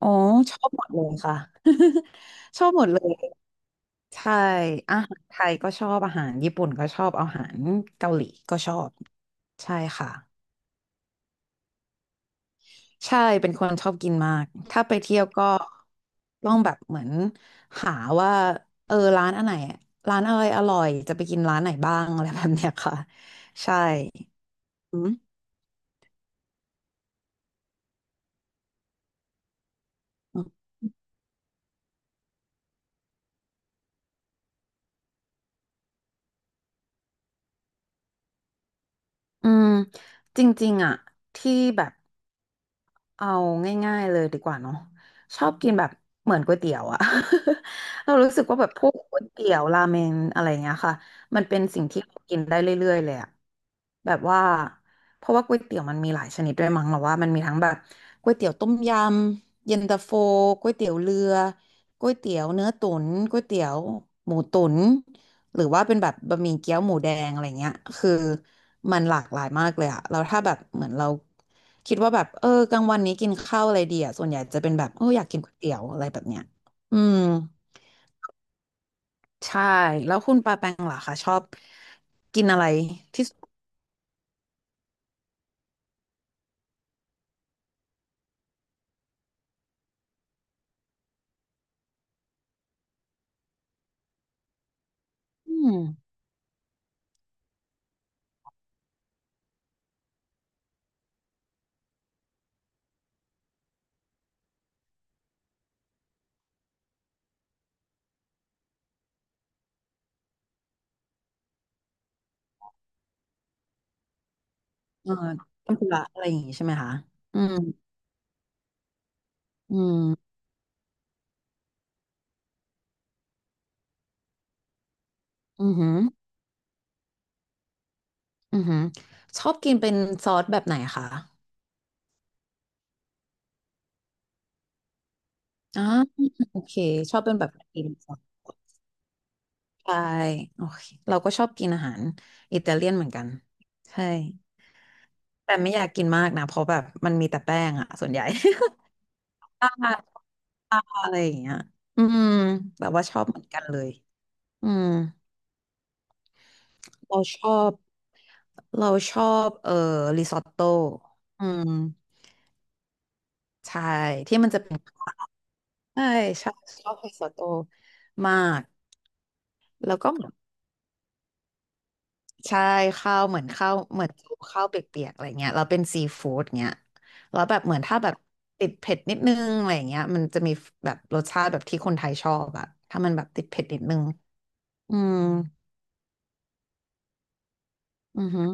อ๋อชอบหมดเลยค่ะ ชอบหมดเลยใช่อาหารไทยก็ชอบอาหารญี่ปุ่นก็ชอบอาหารเกาหลีก็ชอบใช่ค่ะใช่เป็นคนชอบกินมากถ้าไปเที่ยวก็ต้องแบบเหมือนหาว่าร้านอันไหนร้านอะไรอร่อยจะไปกินร้านไหนบ้างอะไรแบบเนี้ยค่ะใช่อืมอืมจริงๆอ่ะที่แบบ เอาง่ายๆเลยดีกว่าเนาะชอบกินแบบเหมือนก๋วยเตี๋ยวอะ เรารู้สึกว่าแบบพวกก๋วยเตี๋ยวราเมนอะไรเงี้ยค่ะมันเป็นสิ่งที่เรากินได้เรื่อยๆเลยอะแบบว่าเพราะว่าก๋วยเตี๋ยวมันมีหลายชนิดด้วยมั้งเราว่ามันมีทั้งแบบก๋วยเตี๋ยวต้มยำเย็นตาโฟก๋วยเตี๋ยวเรือก๋วยเตี๋ยวเนื้อตุ๋นก๋วยเตี๋ยวหมูตุ๋นหรือว่าเป็นแบบบะหมี่เกี๊ยวหมูแดงอะไรเงี้ยคือมันหลากหลายมากเลยอะเราถ้าแบบเหมือนเรา คิดว่าแบบกลางวันนี้กินข้าวอะไรดีอ่ะส่วนใหญ่จะเป็นแบบโอ้อยากกินก๋วยเตี๋ยวอะไรแบบเนี้ยอืมใช่แล้วคุณปาแปงล่ะคะชอบกินอะไรที่สุดอืมเออทำลุระอะไรอย่างงี้ใช่ไหมคะอืมอืมอือหืออือหือชอบกินเป็นซอสแบบไหนคะอ๋อโอเคชอบเป็นแบบอิตาเลียนซอสใช่โอเคเราก็ชอบกินอาหารอิตาเลียนเหมือนกันใช่แต่ไม่อยากกินมากนะเพราะแบบมันมีแต่แป้งอะส่วนใหญ่ ตาตาอะไรอย่างเงี้ยอืมแบบว่าชอบเหมือนกันเลยอืมเราชอบเราชอบริซอตโต้อืมใช่ที่มันจะเป็นใช่ ชอบริซอตโต้มากแล้วก็เหมือนใช่ข้าวเหมือนข้าวเหมือนข้าวเปียกๆอะไรเงี้ยแล้วเป็นซีฟู้ดเงี้ยแล้วแบบเหมือนถ้าแบบติดเผ็ดนิดนึงอะไรเงี้ยมันจะมีแบบรสชาติแบบที่คนไทยชอบอะถ้ามันแบบติดเผ็ดนิดนึงอืมอือฮึ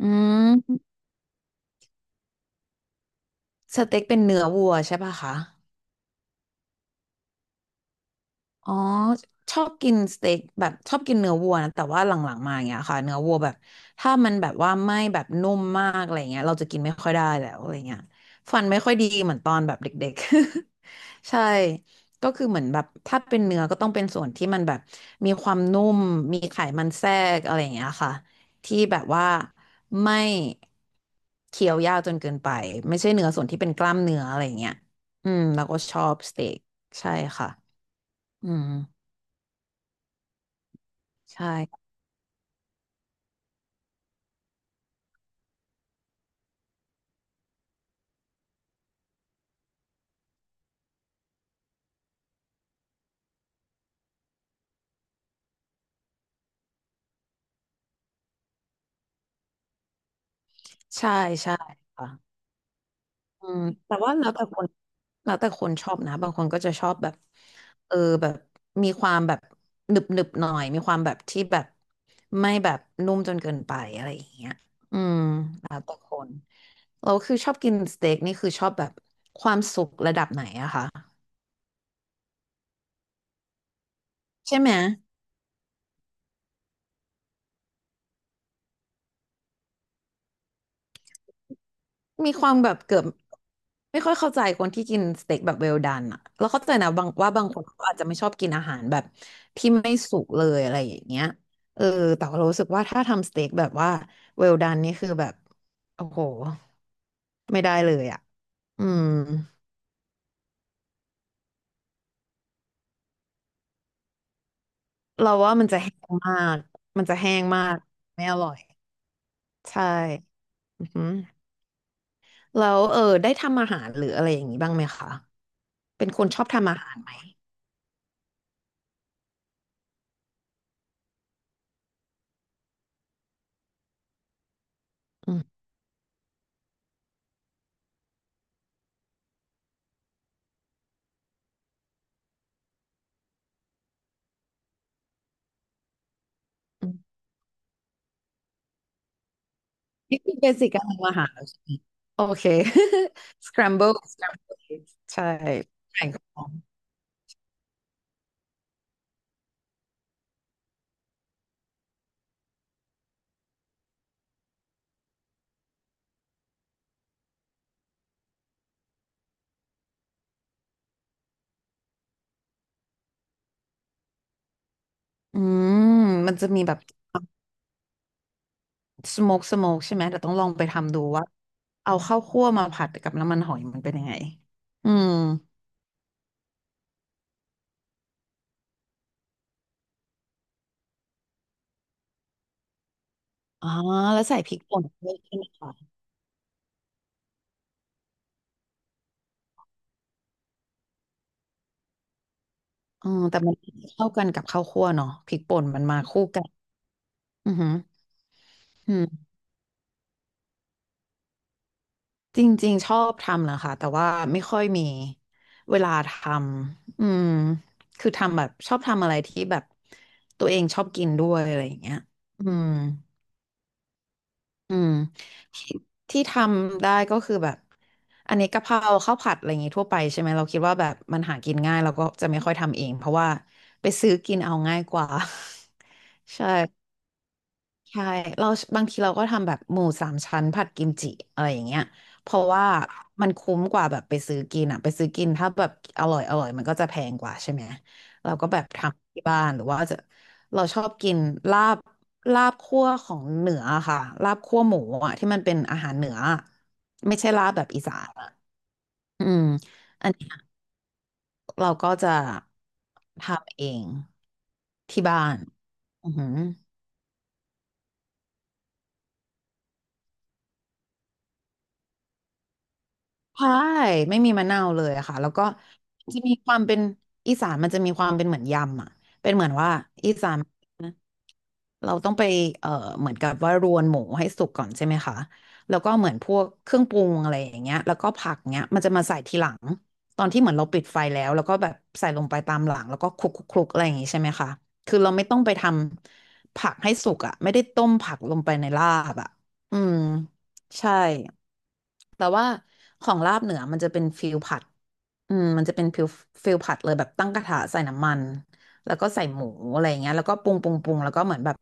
อืมสเต็กเป็นเนื้อวัวใช่ป่ะคะ อ๋อชอบกินสเต็กแบบชอบกินเนื้อวัวนะแต่ว่าหลังๆมาอย่างเงี้ยค่ะเนื้อวัวแบบถ้ามันแบบว่าไม่แบบนุ่มมากอะไรเงี้ยเราจะกินไม่ค่อยได้แล้วอะไรเงี้ยฟันไม่ค่อยดีเหมือนตอนแบบเด็กๆ ใช่ก็คือเหมือนแบบถ้าเป็นเนื้อก็ต้องเป็นส่วนที่มันแบบมีความนุ่มมีไขมันแทรกอะไรอย่างเงี้ยค่ะที่แบบว่าไม่เคี้ยวยากจนเกินไปไม่ใช่เนื้อส่วนที่เป็นกล้ามเนื้ออะไรอย่างเงี้ยอืมแล้วก็ชอบสเต็กใช่ค่ะอืม ใช่ ใช่ใช่ค่ะอืมแต่ว่าแล้วแต่คนแล้วแต่คนชอบนะ บางคนก็จะชอบแบบเออแบบมีความแบบหนึบหนึบหน่อย มีความแบบที่แบบไม่แบบนุ่มจนเกินไปอะไรอย่างเงี้ยอืมแล้วแต่คนเราคือชอบกินสเต็กนี่คือชอบแบบความสุกระดับไหนอะคะใช่ไหม มีความแบบเกือบไม่ค่อยเข้าใจคนที่กินสเต็กแบบเวลดันอะแล้วเข้าใจนะบางว่าบางคนเขาอาจจะไม่ชอบกินอาหารแบบที่ไม่สุกเลยอะไรอย่างเงี้ยเออแต่เรารู้สึกว่าถ้าทำสเต็กแบบว่าเวลดันนี่คือแบบโอ้โหไม่ได้เลยอะอืมเราว่ามันจะแห้งมากมันจะแห้งมากไม่อร่อยใช่อือหือแล้วได้ทำอาหารหรืออะไรอย่างนี้บ้างไหมคะเป็นคนชอบทำอาหารไหมอืม นี่คือเบสิกการทำอาหารแล้วใช่ไหมโอเค สครัมโบิลสครัมเบใช่แข่งกับของอืมมันจะมีแบบสโมกใช่ไหมแต่ต้องลองไปทำดูว่าเอาข้าวคั่วมาผัดกับน้ำมันหอยมันเป็นยังไงอืมอ๋อแล้วใส่พริกป่นด้วยใช่ไหมคะอืมแต่มันเข้ากันกับข้าวคั่วเนาะพริกป่นมันมาคู่กันอือหืออืม จริงๆชอบทำนะคะแต่ว่าไม่ค่อยมีเวลาทำอืมคือทำแบบชอบทำอะไรที่แบบตัวเองชอบกินด้วยอะไรอย่างเงี้ยอืมอืมที่ทำได้ก็คือแบบอันนี้กะเพราข้าวผัดอะไรอย่างงี้ทั่วไปใช่ไหมเราคิดว่าแบบมันหากินง่ายเราก็จะไม่ค่อยทำเองเพราะว่าไปซื้อกินเอาง่ายกว่า ใช่ ใช่เราบางทีเราก็ทำแบบหมูสามชั้นผัดกิมจิอะไรอย่างเงี้ยเพราะว่ามันคุ้มกว่าแบบไปซื้อกินอะไปซื้อกินถ้าแบบอร่อยอร่อยมันก็จะแพงกว่าใช่ไหมเราก็แบบทำที่บ้านหรือว่าจะเราชอบกินลาบลาบคั่วของเหนืออะค่ะลาบคั่วหมูอะที่มันเป็นอาหารเหนืออะไม่ใช่ลาบแบบอีสานอะอืมอันเนี้ยเราก็จะทำเองที่บ้านอือหือ ใช่ไม่มีมะนาวเลยอะค่ะแล้วก็จะมีความเป็นอีสานมันจะมีความเป็นเหมือนยำอ่ะเป็นเหมือนว่าอีสานเราต้องไปเอ่อเหมือนกับว่ารวนหมูให้สุกก่อนใช่ไหมคะแล้วก็เหมือนพวกเครื่องปรุงอะไรอย่างเงี้ยแล้วก็ผักเงี้ยมันจะมาใส่ทีหลังตอนที่เหมือนเราปิดไฟแล้วแล้วก็แบบใส่ลงไปตามหลังแล้วก็คลุกคลุกคลุกอะไรอย่างงี้ใช่ไหมคะคือเราไม่ต้องไปทำผักให้สุกอ่ะไม่ได้ต้มผักลงไปในลาบอ่ะอืมใช่ แต่ว่าของลาบเหนือมันจะเป็นฟิลผัดอืมมันจะเป็นฟิลผัดเลยแบบตั้งกระทะใส่น้ำมันแล้วก็ใส่หมูอะไรอย่างเงี้ยแล้วก็ปรุงปรุงปรุงแล้วก็เหมือนแบบ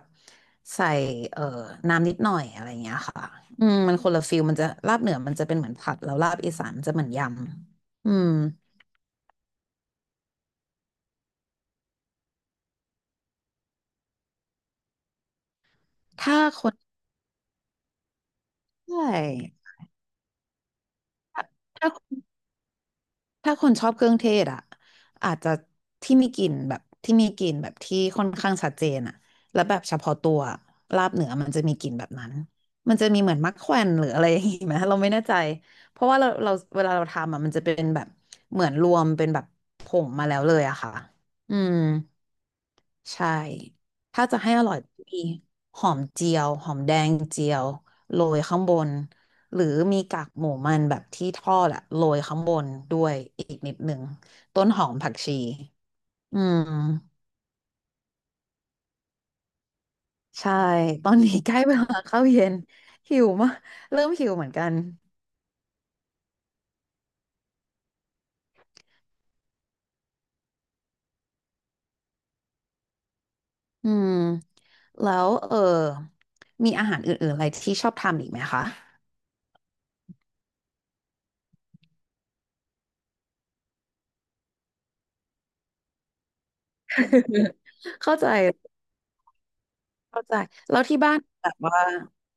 ใส่เอ่อน้ำนิดหน่อยอะไรอย่างเงี้ยค่ะอืมมันคนละฟิลมันจะลาบเหนือมันจะเป็นเหมือนผัดแล้วลาบอีสานมันจะเหมือนยำอืมถ้าคนใช่ถ้าถ้า ถ้าคนชอบเครื่องเทศอ่ะอาจจะที่มีกลิ่นแบบที่มีกลิ่นแบบที่ค่อนข้างชัดเจนอ่ะแล้วแบบเฉพาะตัวลาบเหนือมันจะมีกลิ่นแบบนั้นมันจะมีเหมือนมักแควนหรืออะไรอย่างงี้ไหม เราไม่แน่ใจเพราะว่าเราเวลาเราทำอ่ะมันจะเป็นแบบเหมือนรวมเป็นแบบผงมาแล้วเลยอะค่ะอืม ใช่ถ้าจะให้อร่อยมีหอมเจียวหอมแดงเจียวโรยข้างบนหรือมีกากหมูมันแบบที่ทอดอะโรยข้างบนด้วยอีกนิดหนึ่งต้นหอมผักชีอืมใช่ตอนนี้ใกล้เวลาเข้าเย็นหิวมากเริ่มหิวเหมือนกันอืมแล้วเออมีอาหารอื่นๆอะไรที่ชอบทำอีกไหมคะ เข้าใจ เข้าใจแล้วที่บ้านแบบว่า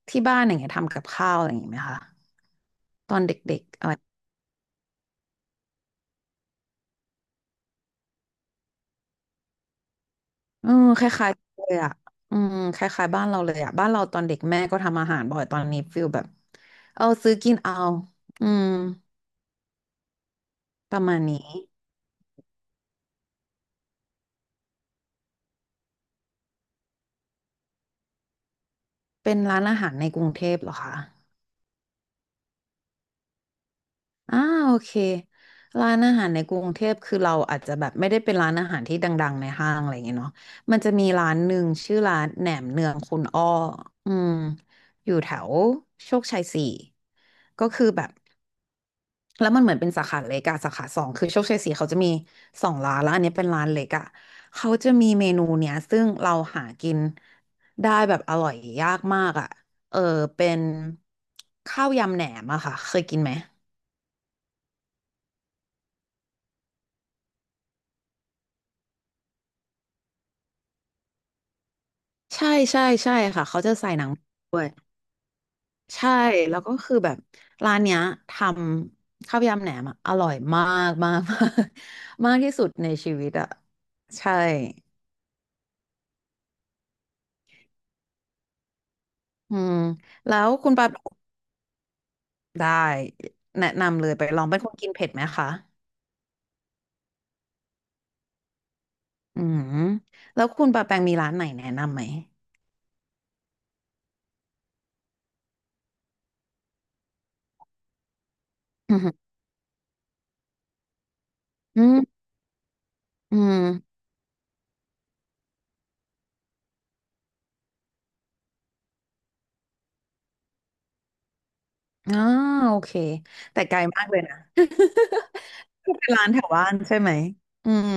ที่บ้านอย่างเงี้ยทำกับข้าวอะไรอย่างเงี้ยไหมคะตอนเด็กๆอะไรเออคล้ายๆเลยอ่ะอืมคล้ายๆบ้านเราเลยอ่ะบ้านเราตอนเด็กแม่ก็ทำอาหารบ่อยตอนนี้ฟิลแบบเอาซื้อกินเอาอืมประมาณนี้เป็นร้านอาหารในกรุงเทพเหรอคะ อ่าโอเคร้านอาหารในกรุงเทพคือเราอาจจะแบบไม่ได้เป็นร้านอาหารที่ดังๆในห้างอะไรอย่างเงี้ยเนาะมันจะมีร้านหนึ่งชื่อร้านแหนมเนืองคุณอ้ออืมอยู่แถวโชคชัยสี่ก็คือแบบแล้วมันเหมือนเป็นสาขาเล็กอะสาขาสองคือโชคชัยสี่เขาจะมีสองร้านแล้วอันนี้เป็นร้านเล็กอะเขาจะมีเมนูเนี้ยซึ่งเราหากินได้แบบอร่อยยากมากอะเออเป็นข้าวยำแหนมอะค่ะเคยกินไหม ใช่ใช่ใช่ค่ะเขาจะใส่หนังด้วยใช่แล้วก็คือแบบร้านเนี้ยทำข้าวยำแหนมอะอร่อยมากมากมากมากที่สุดในชีวิตอ่ะใช่อืมแล้วคุณปาได้แนะนำเลยไปลองเป็นคนกินเผ็ดไหมคะอืมแล้วคุณปาแปงมีร้านไหนแนะนำไหมอืมอืมอืมอ่าโอเคแต่ไกลมากเลยนะ เป็นร้านแถวบ้านใช่ไหมอืม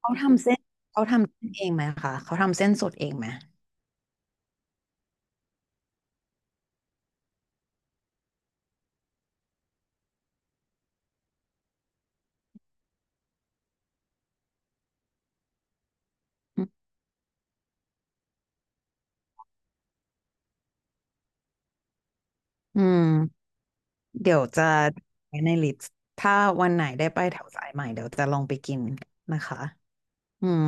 เขาทำเส้นเขาทำเส้นเองไหมคะเขาทำเส้นสดเองไหมอืมอืมเดี๋ยวจะไว้ในลิสต์ถ้าวันไหนได้ไปแถวสายใหม่เดี๋ยวจะลองไปกินนะคะอืม